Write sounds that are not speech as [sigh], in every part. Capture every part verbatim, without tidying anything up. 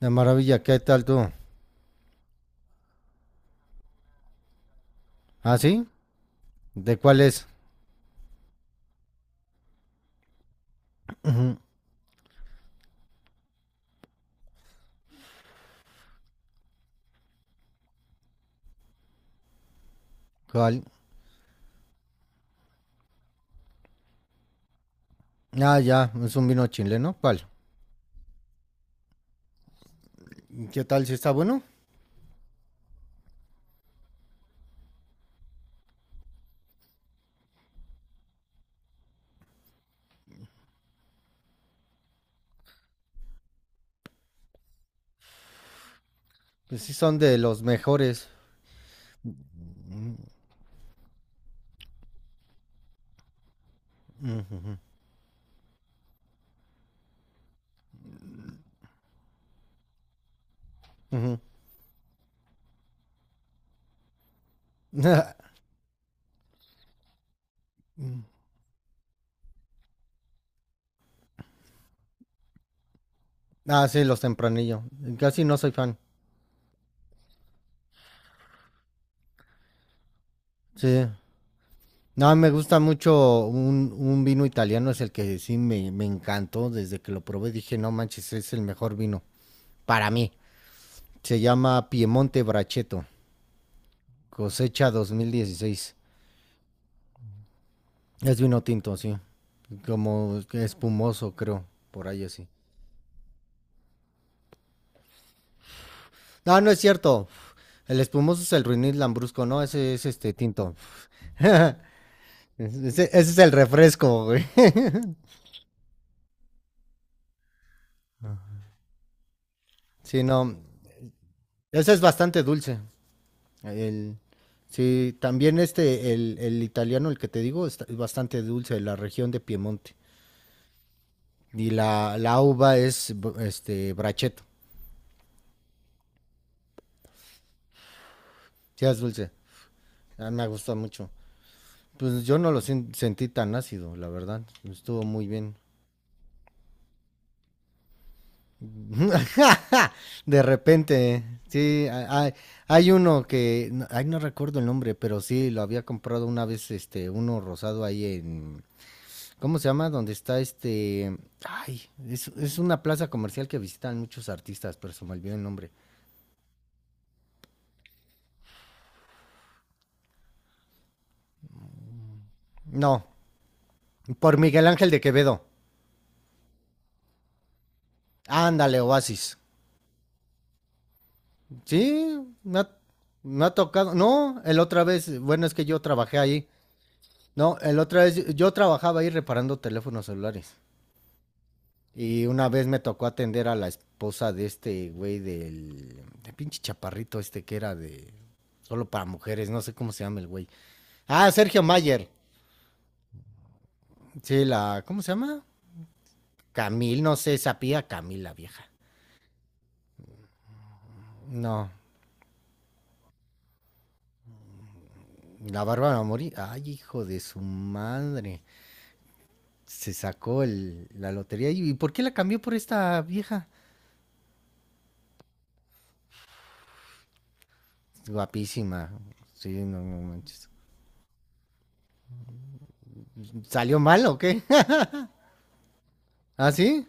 De maravilla, ¿qué tal tú? ¿Ah, sí? ¿De cuál es? ¿Cuál? Ah, ya, es un vino chileno. ¿Cuál? ¿Qué tal? ¿Si está bueno? Pues sí, son de los mejores. Ujú. [laughs] Ah, sí, los tempranillo. Casi no soy fan. Sí. No, me gusta mucho un, un vino italiano, es el que sí me, me encantó. Desde que lo probé dije, no manches, es el mejor vino. Para mí. Se llama Piemonte Brachetto, cosecha dos mil dieciséis. Es vino tinto, sí. Como espumoso, creo. Por ahí así. No, no es cierto. El espumoso es el ruinil lambrusco, ¿no? Ese es este tinto. [laughs] Ese, ese es el refresco, güey. [laughs] Sí, no. Ese es bastante dulce. El, sí, también este, el, el italiano, el que te digo, está- es bastante dulce de la región de Piemonte. Y la, la uva es bu- este bracheto. Sí, es dulce. Ah, me gusta mucho. Pues yo no lo sen- sentí tan ácido, la verdad. Estuvo muy bien. [laughs] De repente, sí, ha- hay, hay uno que, no- ay, no recuerdo el nombre, pero sí, lo había comprado una vez, este, uno rosado ahí en, ¿cómo se llama? Donde está este, ay, es, es una plaza comercial que visitan muchos artistas, pero se me olvidó el nombre. No, por Miguel Ángel de Quevedo. Ándale, Oasis. Sí, me ha, me ha tocado, no, el otra vez, bueno, es que yo trabajé ahí. No, el otra vez yo trabajaba ahí reparando teléfonos celulares. Y una vez me tocó atender a la esposa de este güey del de pinche chaparrito este que era de solo para mujeres, no sé cómo se llama el güey. Ah, Sergio Mayer. Sí, la ¿cómo se llama? Camil, no sé, sapía Camil la vieja. No, la Bárbara Mori. Ay, hijo de su madre. Se sacó el, la lotería. ¿Y por qué la cambió por esta vieja? Guapísima. Sí, no, no manches. ¿Salió mal o qué? ¿Ah, sí?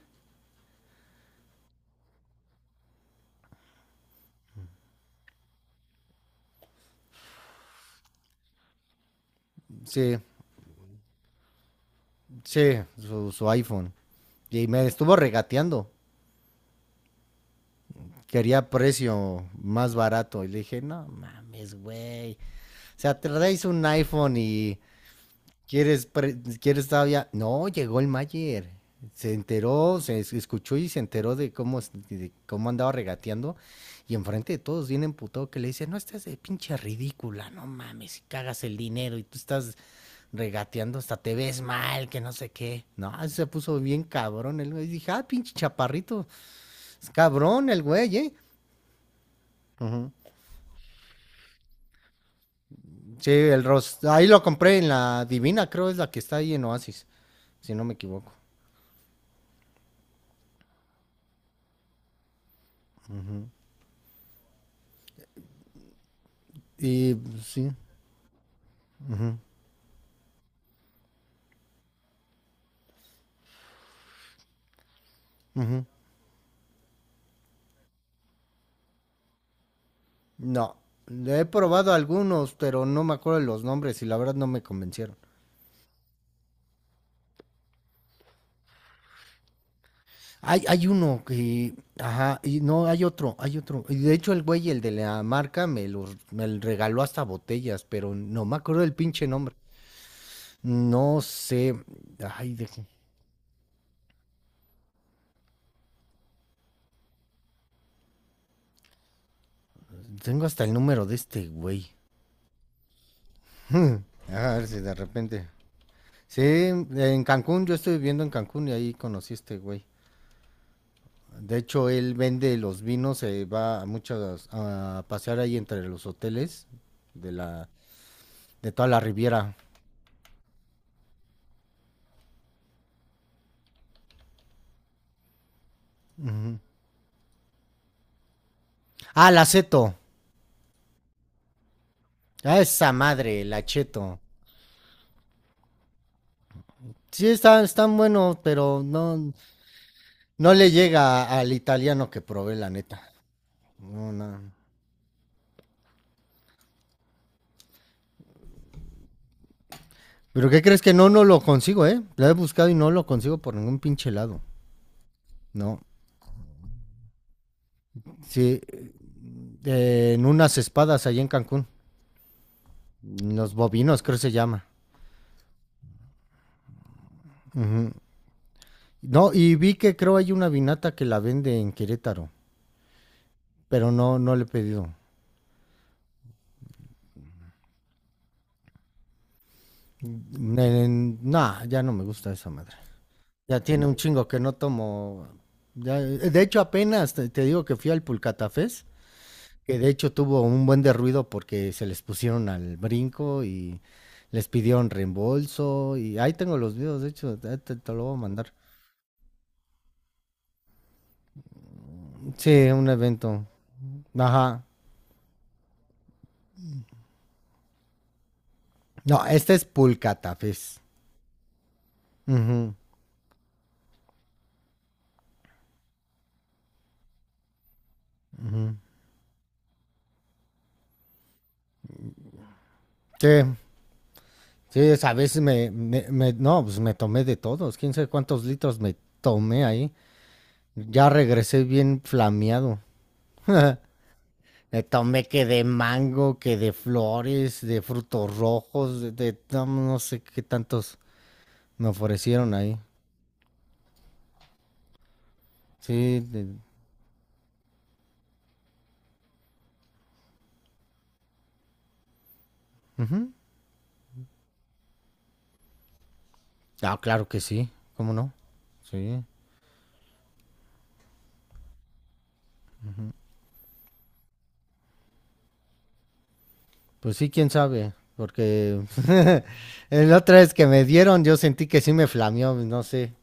Sí, sí, su, su iPhone. Y me estuvo regateando. Quería precio más barato. Y le dije, no mames, güey. O sea, traéis un iPhone y ¿Quieres, pre- ¿Quieres todavía? No, llegó el Mayer. Se enteró, se es- escuchó y se enteró de cómo, es- de cómo andaba regateando. Y enfrente de todos viene emputado que le dice, no estás de pinche ridícula, no mames, y cagas el dinero y tú estás regateando, hasta te ves mal, que no sé qué. No, se puso bien cabrón el güey. Dije, ah, pinche chaparrito, es cabrón el güey, ¿eh? Ujú. Sí, el Ross. Ahí lo compré en la Divina, creo es la que está ahí en Oasis, si no me equivoco. Y pues, sí. Ujú. No, le he probado algunos, pero no me acuerdo de los nombres y la verdad no me convencieron. Hay, hay uno que, ajá, y no, hay otro, hay otro. Y de hecho el güey, el de la marca, me los, me regaló hasta botellas, pero no me acuerdo del pinche nombre. No sé, ay, deje- tengo hasta el número de este güey. [laughs] A ver si de repente. Sí, en Cancún, yo estoy viviendo en Cancún y ahí conocí a este güey. De hecho, él vende los vinos, se va a muchas a pasear ahí entre los hoteles de la de toda la Riviera. Ujú. Ah, la Aceto. Ah, esa madre, la Acheto. Sí, está, están buenos, pero no, no le llega a- al italiano que probé, la neta. No, no. Pero ¿qué crees que no, no lo consigo, eh? Lo he buscado y no lo consigo por ningún pinche lado. No. Sí, eh, en unas espadas allá en Cancún. Los bovinos, creo que se llama. Ujú. No, y vi que creo hay una vinata que la vende en Querétaro, pero no, no le he pedido. No, ya no me gusta esa madre. Ya tiene un chingo que no tomo. Ya, de hecho, apenas te, te digo que fui al Pulcatafés, que de hecho tuvo un buen de ruido porque se les pusieron al brinco y les pidieron reembolso. Y ahí tengo los videos, de hecho, te, te- te lo voy a mandar. Sí, un evento. Ajá. No, este es Pulcatafés. Ujú. Sí, sí, a veces me, me- me- no, pues me tomé de todos, quién sabe cuántos litros me tomé ahí. Ya regresé bien flameado. [laughs] Me tomé que de mango, que de flores, de frutos rojos, de, de- no, no sé qué tantos me ofrecieron ahí. Sí, de- ujú. Ah, claro que sí, ¿cómo no? Sí, pues sí, quién sabe, porque [laughs] la otra vez que me dieron yo sentí que sí me flameó, no sé.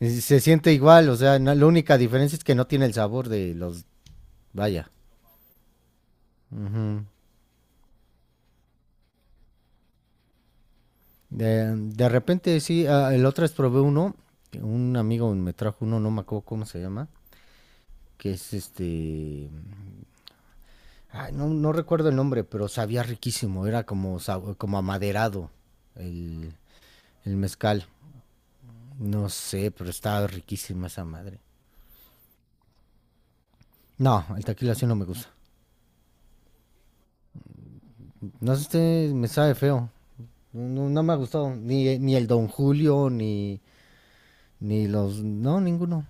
Y se siente igual, o sea, no- la única diferencia es que no tiene el sabor de los... Vaya. Ujú. de, de repente, sí, ah, el otro es probé uno, que un amigo me trajo uno, no me acuerdo cómo se llama, que es este... ay, no, no recuerdo el nombre, pero sabía riquísimo, era como, sab- como amaderado el, el mezcal. No sé, pero estaba riquísima esa madre. No, el tequila así no me gusta. No sé, me sabe feo. No, no- no me ha gustado. Ni, ni el Don Julio, ni, Ni los. No, ninguno.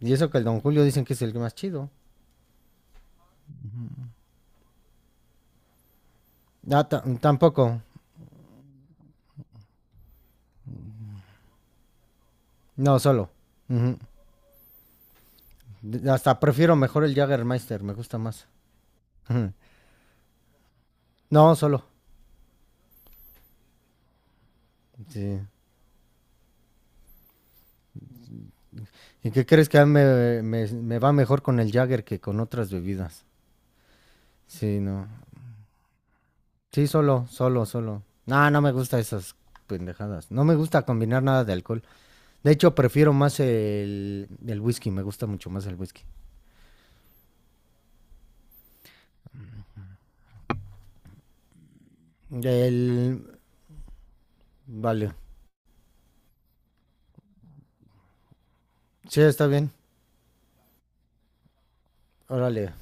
Y eso que el Don Julio dicen que es el más chido. Ah, tampoco. No, solo. Ujú. D- Hasta prefiero mejor el Jaggermeister, me gusta más. Ujú. No, solo. Sí. ¿Y qué crees que a mí me, me- me va mejor con el Jagger que con otras bebidas? Sí, no. Sí, solo, solo, solo. No, no me gusta esas pendejadas. No me gusta combinar nada de alcohol. De hecho, prefiero más el, el whisky, me gusta mucho más el whisky. El... Vale. Sí, está bien. Órale.